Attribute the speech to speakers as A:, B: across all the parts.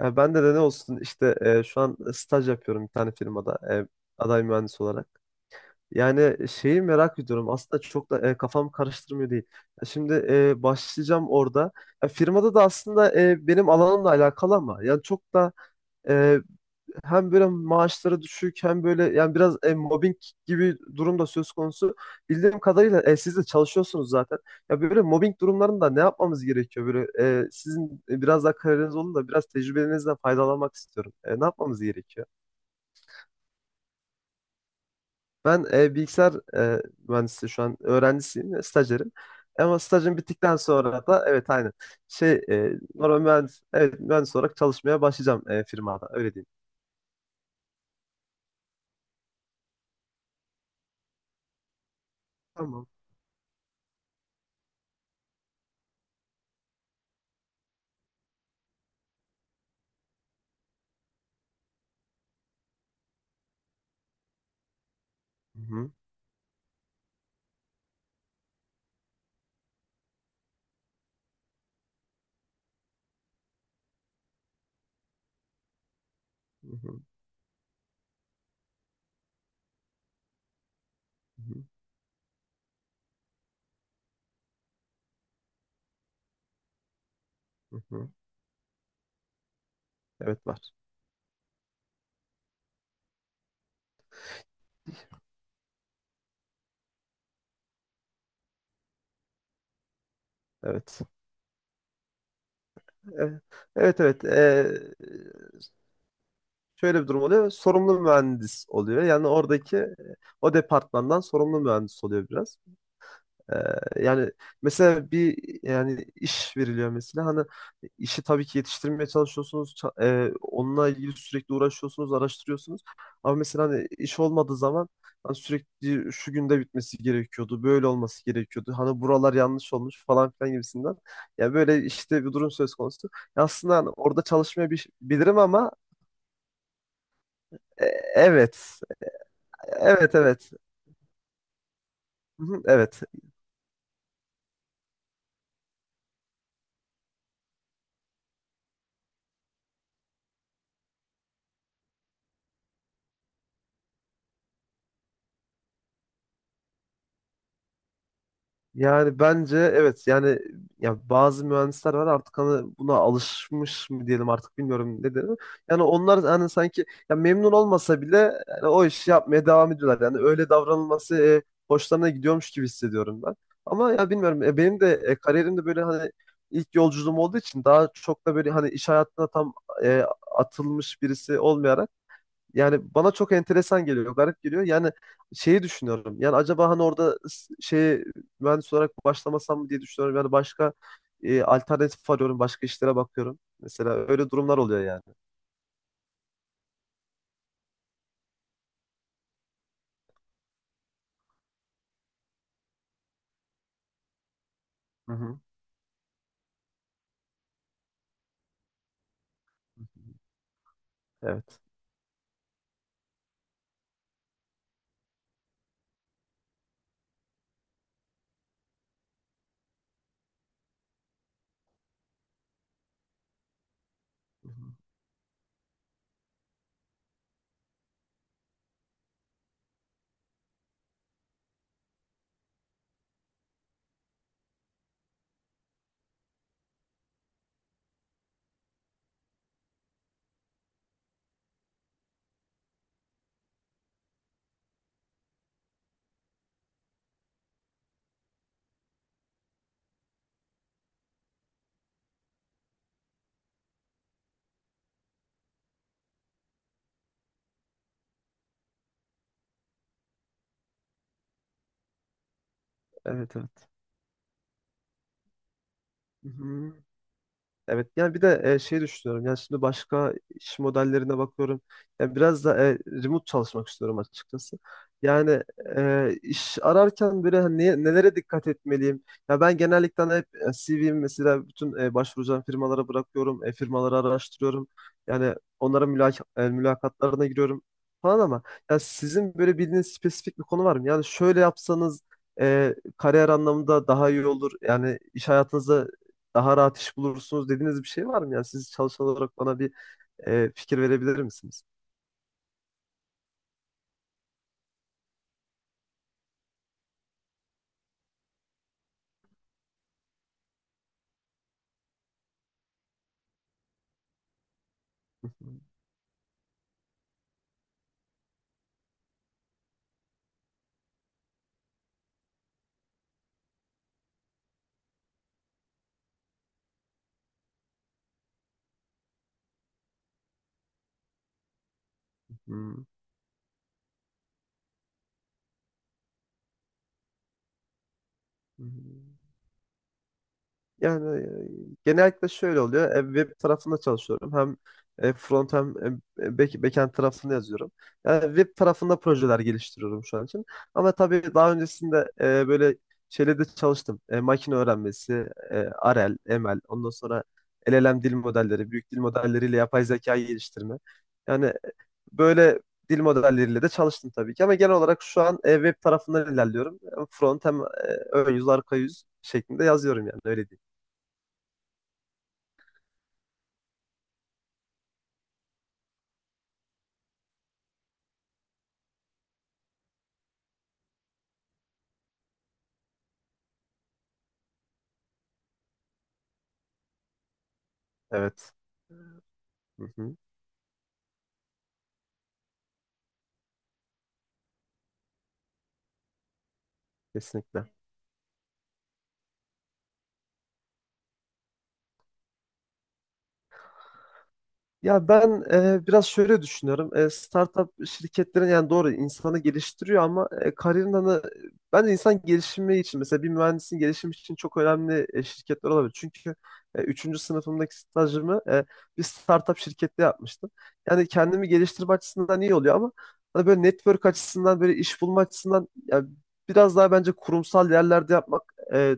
A: Ya ben de ne olsun işte şu an staj yapıyorum bir tane firmada aday mühendis olarak. Yani şeyi merak ediyorum aslında çok da kafam karıştırmıyor değil. Ya şimdi başlayacağım orada. Ya firmada da aslında benim alanımla alakalı ama yani çok da e, hem böyle maaşları düşük hem böyle yani biraz mobbing gibi durum da söz konusu. Bildiğim kadarıyla siz de çalışıyorsunuz zaten. Ya böyle mobbing durumlarında ne yapmamız gerekiyor? Böyle sizin biraz daha kararınız olun da biraz tecrübenizden faydalanmak istiyorum. Ne yapmamız gerekiyor? Ben bilgisayar mühendisi şu an öğrencisiyim, stajyerim. Ama stajım bittikten sonra da evet aynen şey normal mühendis, evet, mühendis olarak çalışmaya başlayacağım firmada öyle diyeyim. Tamam. Hı hı, hı hı, hı hı. Hı hı. Evet var. Evet. Evet, evet, evet. Şöyle bir durum oluyor. Sorumlu mühendis oluyor. Yani oradaki o departmandan sorumlu mühendis oluyor biraz. Yani mesela bir, iş veriliyor mesela hani işi tabii ki yetiştirmeye çalışıyorsunuz onunla ilgili sürekli uğraşıyorsunuz araştırıyorsunuz ama mesela hani iş olmadığı zaman hani sürekli şu günde bitmesi gerekiyordu böyle olması gerekiyordu hani buralar yanlış olmuş falan filan gibisinden ya böyle işte bir durum söz konusu. Ya aslında hani orada çalışmayı bilirim ama e, evet, evet, evet. Hı hı, evet. Yani bence evet yani ya bazı mühendisler var artık hani buna alışmış mı diyelim artık bilmiyorum ne dedim. Yani onlar hani sanki ya memnun olmasa bile yani o işi yapmaya devam ediyorlar. Yani öyle davranılması hoşlarına gidiyormuş gibi hissediyorum ben. Ama ya bilmiyorum benim de kariyerimde böyle hani ilk yolculuğum olduğu için daha çok da böyle hani iş hayatına tam e, atılmış birisi olmayarak yani bana çok enteresan geliyor, garip geliyor. Yani şeyi düşünüyorum. Yani acaba hani orada şey mühendis olarak başlamasam mı diye düşünüyorum. Yani başka alternatif arıyorum, başka işlere bakıyorum. Mesela öyle durumlar oluyor yani. Hı hı. Evet. Hı hı. Evet, evet. Hı hı. Evet yani bir de şey düşünüyorum yani şimdi başka iş modellerine bakıyorum yani biraz da remote çalışmak istiyorum açıkçası yani iş ararken böyle hani nelere dikkat etmeliyim, ya ben genellikle hani hep CV'mi mesela bütün başvuracağım firmalara bırakıyorum, firmaları araştırıyorum yani onlara mülakatlarına giriyorum falan. Ama ya sizin böyle bildiğiniz spesifik bir konu var mı, yani şöyle yapsanız kariyer anlamında daha iyi olur, yani iş hayatınızda daha rahat iş bulursunuz dediğiniz bir şey var mı? Yani siz çalışan olarak bana bir fikir verebilir misiniz? Hı hı, hı hı, hı hı. Yani genellikle şöyle oluyor. E, web tarafında çalışıyorum. Hem front hem backend tarafında yazıyorum. Yani web tarafında projeler geliştiriyorum şu an için. Ama tabii daha öncesinde böyle şeylerde çalıştım. E, makine öğrenmesi, e, R L, M L. Ondan sonra L L M dil modelleri, büyük dil modelleriyle yapay zeka geliştirme. Yani böyle dil modelleriyle de çalıştım tabii ki. Ama genel olarak şu an web tarafından ilerliyorum. Hem front hem ön yüz, arka yüz şeklinde yazıyorum yani öyle. Evet. Hı hı, kesinlikle. Ya ben biraz şöyle düşünüyorum. E, startup şirketlerin yani doğru insanı geliştiriyor ama kariyerin hani bence insan gelişimi için mesela bir mühendisin gelişimi için çok önemli şirketler olabilir. Çünkü üçüncü sınıfımdaki stajımı bir startup şirkette yapmıştım. Yani kendimi geliştirme açısından iyi oluyor ama hani böyle network açısından böyle iş bulma açısından ya biraz daha bence kurumsal yerlerde yapmak e,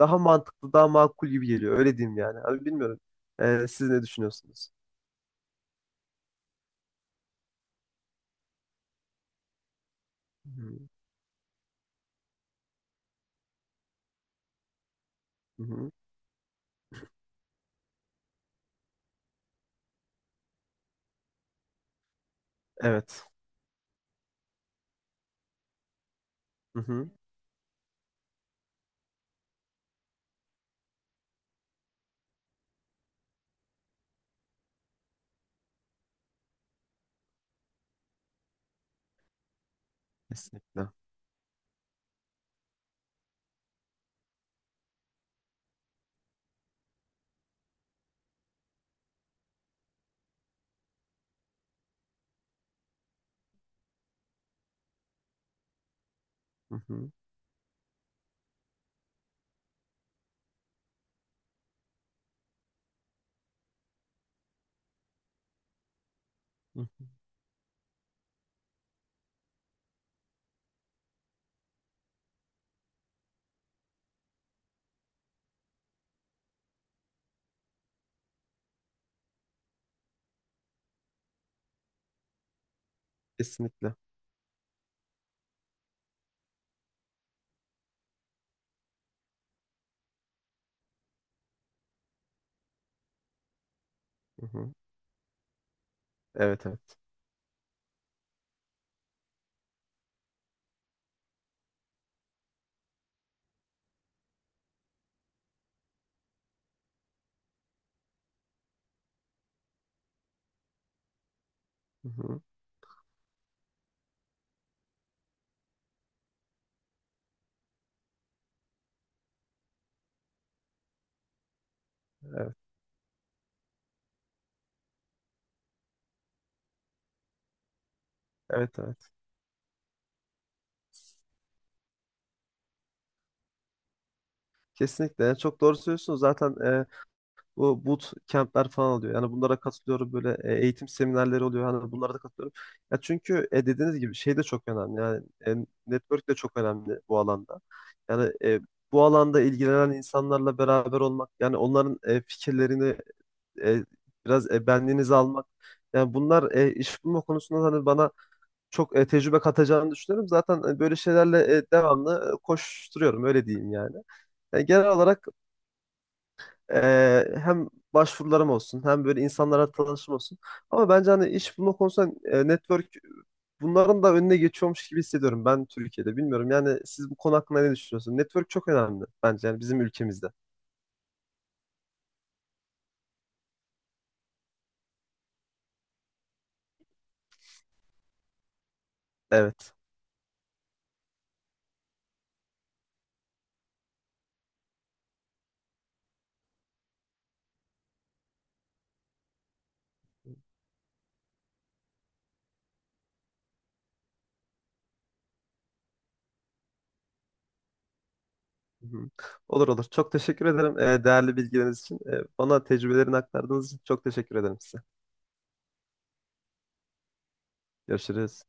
A: daha mantıklı, daha makul gibi geliyor. Öyle diyeyim yani. Abi bilmiyorum. Siz ne düşünüyorsunuz? Hı hı. Hı hı. Evet. Hı hı. Kesinlikle. Hı hı. Hı hı. Kesinlikle. Hı hı. Evet, evet. Hı hı. Evet. Evet, evet. Kesinlikle. Yani çok doğru söylüyorsunuz. Zaten bu boot camp'ler falan oluyor. Yani bunlara katılıyorum, böyle eğitim seminerleri oluyor. Hani bunlara da katılıyorum. Ya çünkü dediğiniz gibi şey de çok önemli. Yani network de çok önemli bu alanda. Yani bu alanda ilgilenen insanlarla beraber olmak, yani onların fikirlerini e, biraz benliğinizi almak. Yani bunlar iş bulma konusunda hani bana çok tecrübe katacağını düşünüyorum. Zaten böyle şeylerle devamlı koşturuyorum öyle diyeyim yani. Yani genel olarak hem başvurularım olsun hem böyle insanlara tanışım olsun. Ama bence hani iş bulma konusunda network bunların da önüne geçiyormuş gibi hissediyorum ben Türkiye'de. Bilmiyorum yani siz bu konu hakkında ne düşünüyorsunuz? Network çok önemli bence yani bizim ülkemizde. Evet. Hı hı. Olur olur. Çok teşekkür ederim değerli bilgileriniz için. E, bana tecrübelerini aktardığınız için çok teşekkür ederim size. Görüşürüz.